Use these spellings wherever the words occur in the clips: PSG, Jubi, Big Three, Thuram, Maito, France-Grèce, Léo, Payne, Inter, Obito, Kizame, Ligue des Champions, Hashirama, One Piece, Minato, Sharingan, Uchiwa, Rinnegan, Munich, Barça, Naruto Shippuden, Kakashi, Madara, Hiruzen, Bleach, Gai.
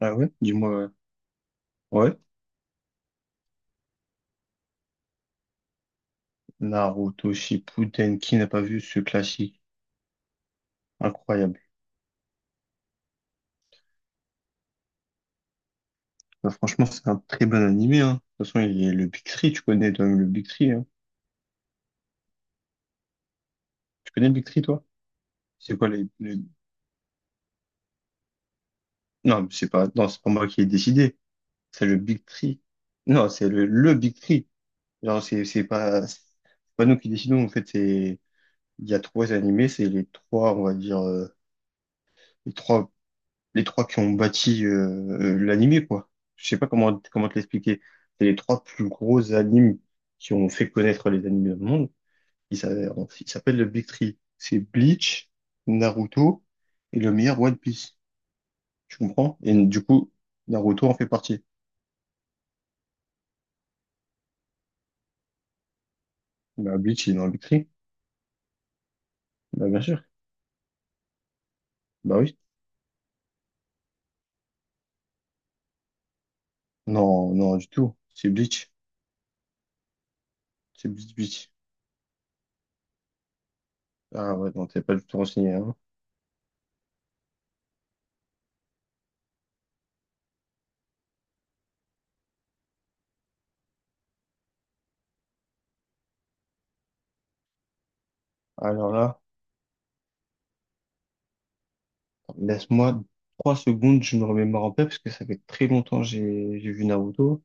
Ah ouais? Dis-moi, ouais. Ouais. Naruto Shippuden, qui n'a pas vu ce classique? Incroyable. Bah, franchement, c'est un très bon animé, hein. De toute façon, il y a le Big Three, tu connais toi-même le Big Three, hein. Tu connais le Big Three, toi? C'est quoi non, mais c'est pas, non, c'est pas moi qui ai décidé. C'est le Big Three. Non, c'est le Big Three. Genre, c'est pas nous qui décidons, en fait, il y a trois animés, c'est les trois, on va dire, les trois les trois qui ont bâti l'animé, quoi. Je sais pas comment te l'expliquer. C'est les trois plus gros animes qui ont fait connaître les animés dans le monde. Ils s'appellent le Big Three. C'est Bleach, Naruto et le meilleur One Piece. Tu comprends? Et du coup, Naruto en fait partie. Bah, Bleach, il est dans le Big Three. Bah, bien sûr. Bah oui. Non, non, du tout. C'est Bleach. C'est Bleach, Bleach. Ah ouais, non, t'es pas du tout renseigné, hein. Alors là. Laisse-moi 3 secondes, je me remets en paix parce que ça fait très longtemps que j'ai vu Naruto.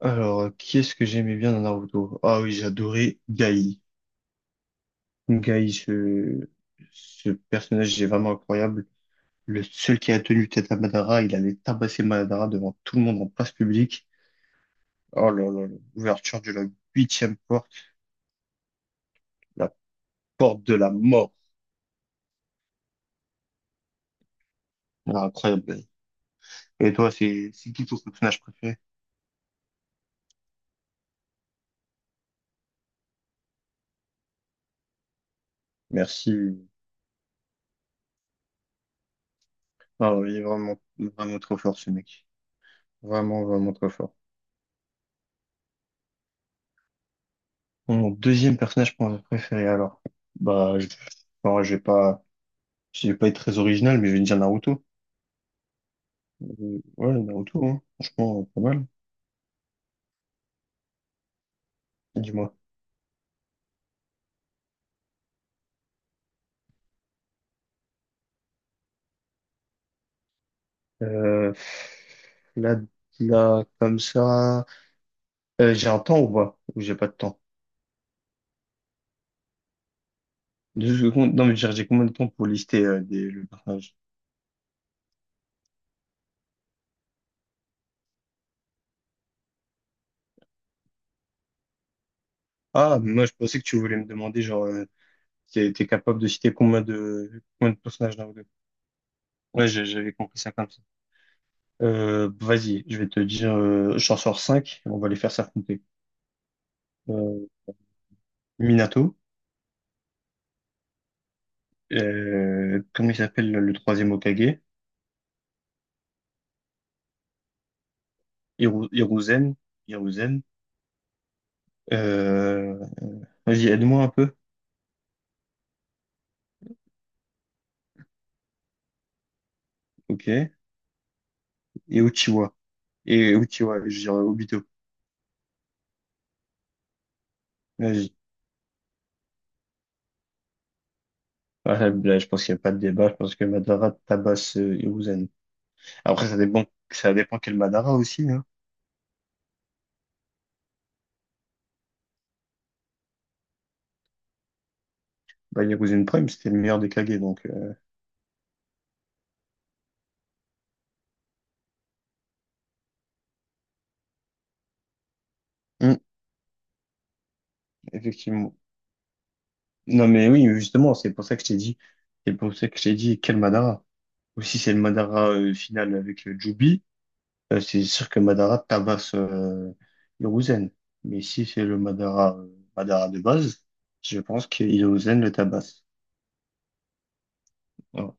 Alors, qui est-ce que j'aimais bien dans Naruto? Ah oui, j'adorais Gai. Gai, ce personnage est vraiment incroyable. Le seul qui a tenu tête à Madara, il allait tabasser Madara devant tout le monde en place publique. Oh là là, là, l'ouverture de la huitième porte, la porte de la mort. Ah, incroyable. Et toi, c'est qui ton personnage préféré? Merci. Ah oui, vraiment, vraiment trop fort ce mec. Vraiment, vraiment très fort. Mon deuxième personnage préféré, alors. Bah, bon, je vais pas être très original, mais je vais dire Naruto. Euh, Ouais, Naruto, hein. Franchement, pas mal. Dis-moi. Euh, là, là, comme ça. J'ai un temps ou pas? Ou j'ai pas de temps? 2 secondes. Non, mais j'ai combien de temps pour lister le personnage? Ah, mais moi, je pensais que tu voulais me demander, genre, si t'es capable de citer combien de personnages Naruto? Ouais, j'avais compris ça comme ça. Vas-y, je vais te dire, j'en sors 5, on va les faire s'affronter. Euh, Minato, comment il s'appelle le troisième Hokage? Hiru- Hiruzen, Hiruzen. Euh, vas-y, aide-moi un peu, ok? Uchiwa, et Uchiwa, je dirais Obito. Vas-y. Ah, là, là, je pense qu'il n'y a pas de débat, je pense que Madara tabasse Hiruzen. Après, ça dépend quel Madara aussi, hein. Bah, Hiruzen Prime, c'était le meilleur des Kage, donc... hmm, effectivement. Non, mais oui, justement, c'est pour ça que je t'ai dit. C'est pour ça que je t'ai dit, quel Madara? Ou si c'est le Madara final avec Jubi, c'est sûr que Madara tabasse Hiruzen. Mais si c'est Madara de base, je pense que Hiruzen le tabasse. Voilà.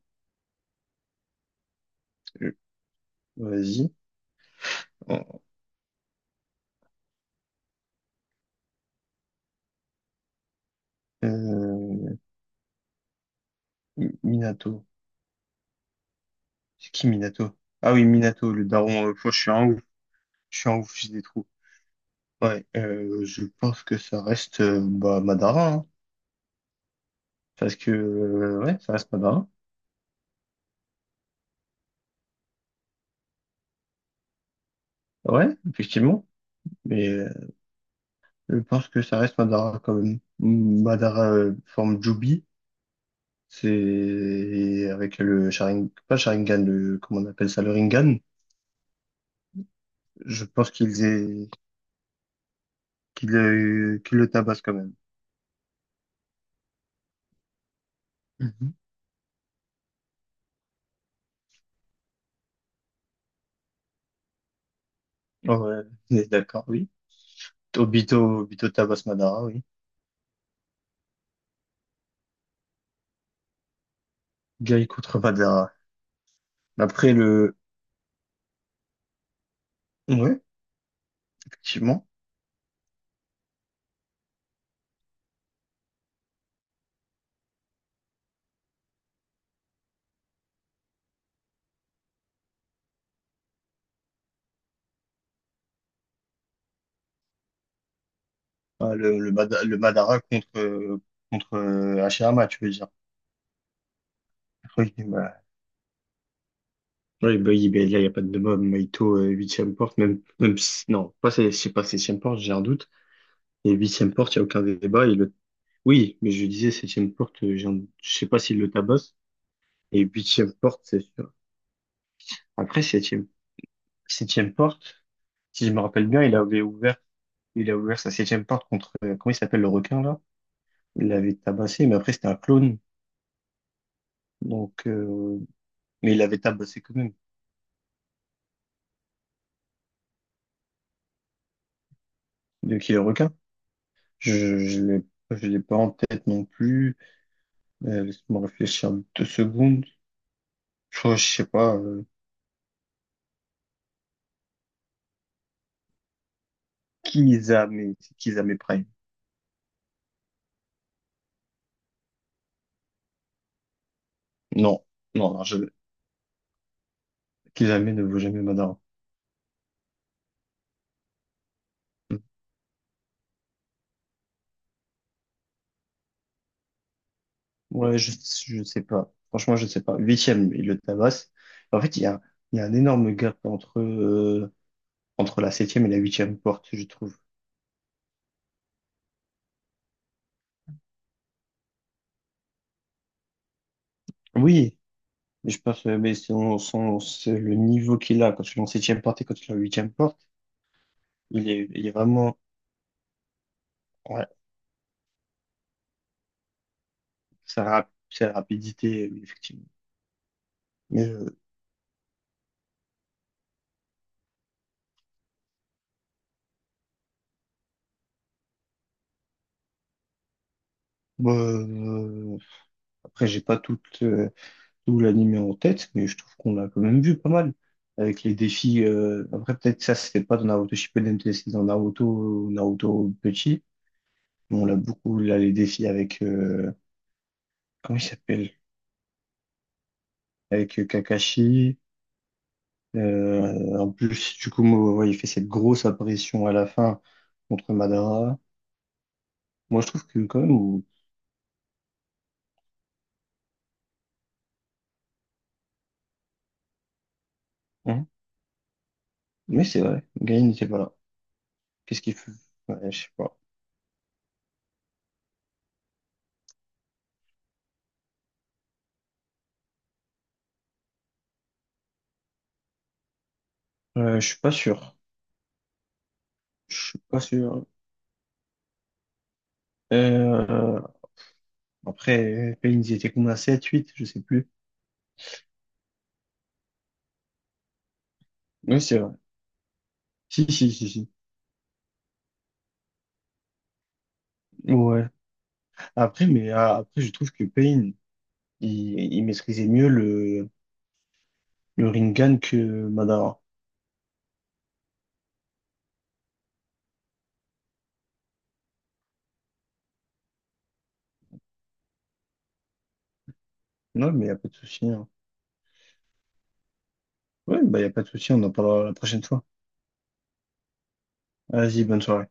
Euh, vas-y. Euh, Minato. C'est qui Minato? Ah oui, Minato, le daron. Je suis un ouf. Je suis un ouf, j'ai des trous. Ouais, je pense que ça reste bah, Madara, hein. Parce que, ouais, ça reste Madara. Ouais, effectivement. Mais je pense que ça reste Madara quand même. Madara forme Jubi, c'est avec le Sharingan, pas Sharingan, le, comment on appelle ça, le Ringan. Je pense qu'ils aient, qu'il a qu'il le tabasse quand même. Mhm. Ouais, on est d'accord, oui. Obito, Obito tabasse Madara, oui. Guy contre Madara. Après ouais, effectivement. Ah, le Madara contre, contre Hashirama, tu veux dire. Oui, oui, bah oui, ben il n'y a pas de débat. Maito, huitième porte, même si- non, pas, je sais pas, septième porte, j'ai un doute. Et huitième porte, il n'y a aucun débat. Et oui, mais je disais septième porte, je sais pas s'il le tabasse. Et huitième porte, c'est sûr. Après, septième porte, si je me rappelle bien, il a ouvert sa septième porte contre, comment il s'appelle le requin, là? Il l'avait tabassé, mais après, c'était un clone. Donc, mais il l'avait tabassé quand même. De qui le requin? Je, je l'ai, je l'ai pas en tête non plus. Laisse-moi réfléchir 2 secondes. Je crois, je sais pas, Kizame, c'est Kizame Prime. Non, non, non, Kizame ne vaut jamais Madara. Ouais, je sais pas. Franchement, je sais pas. Huitième, il le tabasse. En fait, il y a un énorme gap entre, entre la septième et la huitième porte, je trouve. Oui, mais je pense, mais c'est le niveau qu'il a quand tu es en septième porte et quand tu es en huitième porte, il est vraiment, ouais, sa rapidité, effectivement. Mais, Bah, après, j'ai pas tout l'anime en tête, mais je trouve qu'on l'a quand même vu pas mal. Avec les défis, après, peut-être ça, c'était pas dans Naruto Shippuden, peut-être c'était dans Naruto, Naruto petit. Mais on l'a beaucoup, là, les défis avec, comment il s'appelle? Avec Kakashi. En plus, du coup, moi, ouais, il fait cette grosse apparition à la fin contre Madara. Moi, je trouve que quand même, hein, mais c'est vrai, Gain n'était pas là. Qu'est-ce qu'il fait? Ouais, je sais pas. Je suis pas sûr. Je suis pas sûr. Euh, après, PN, ils étaient combien? 7, 8, je sais plus. Oui, c'est vrai. Si, si, si, si. Ouais. Après, je trouve que Payne, il maîtrisait mieux le Rinnegan que Madara. Non, mais il a pas de souci, hein. Ouais, bah, il a pas de souci, on en parlera la prochaine fois. Vas-y, bonne soirée.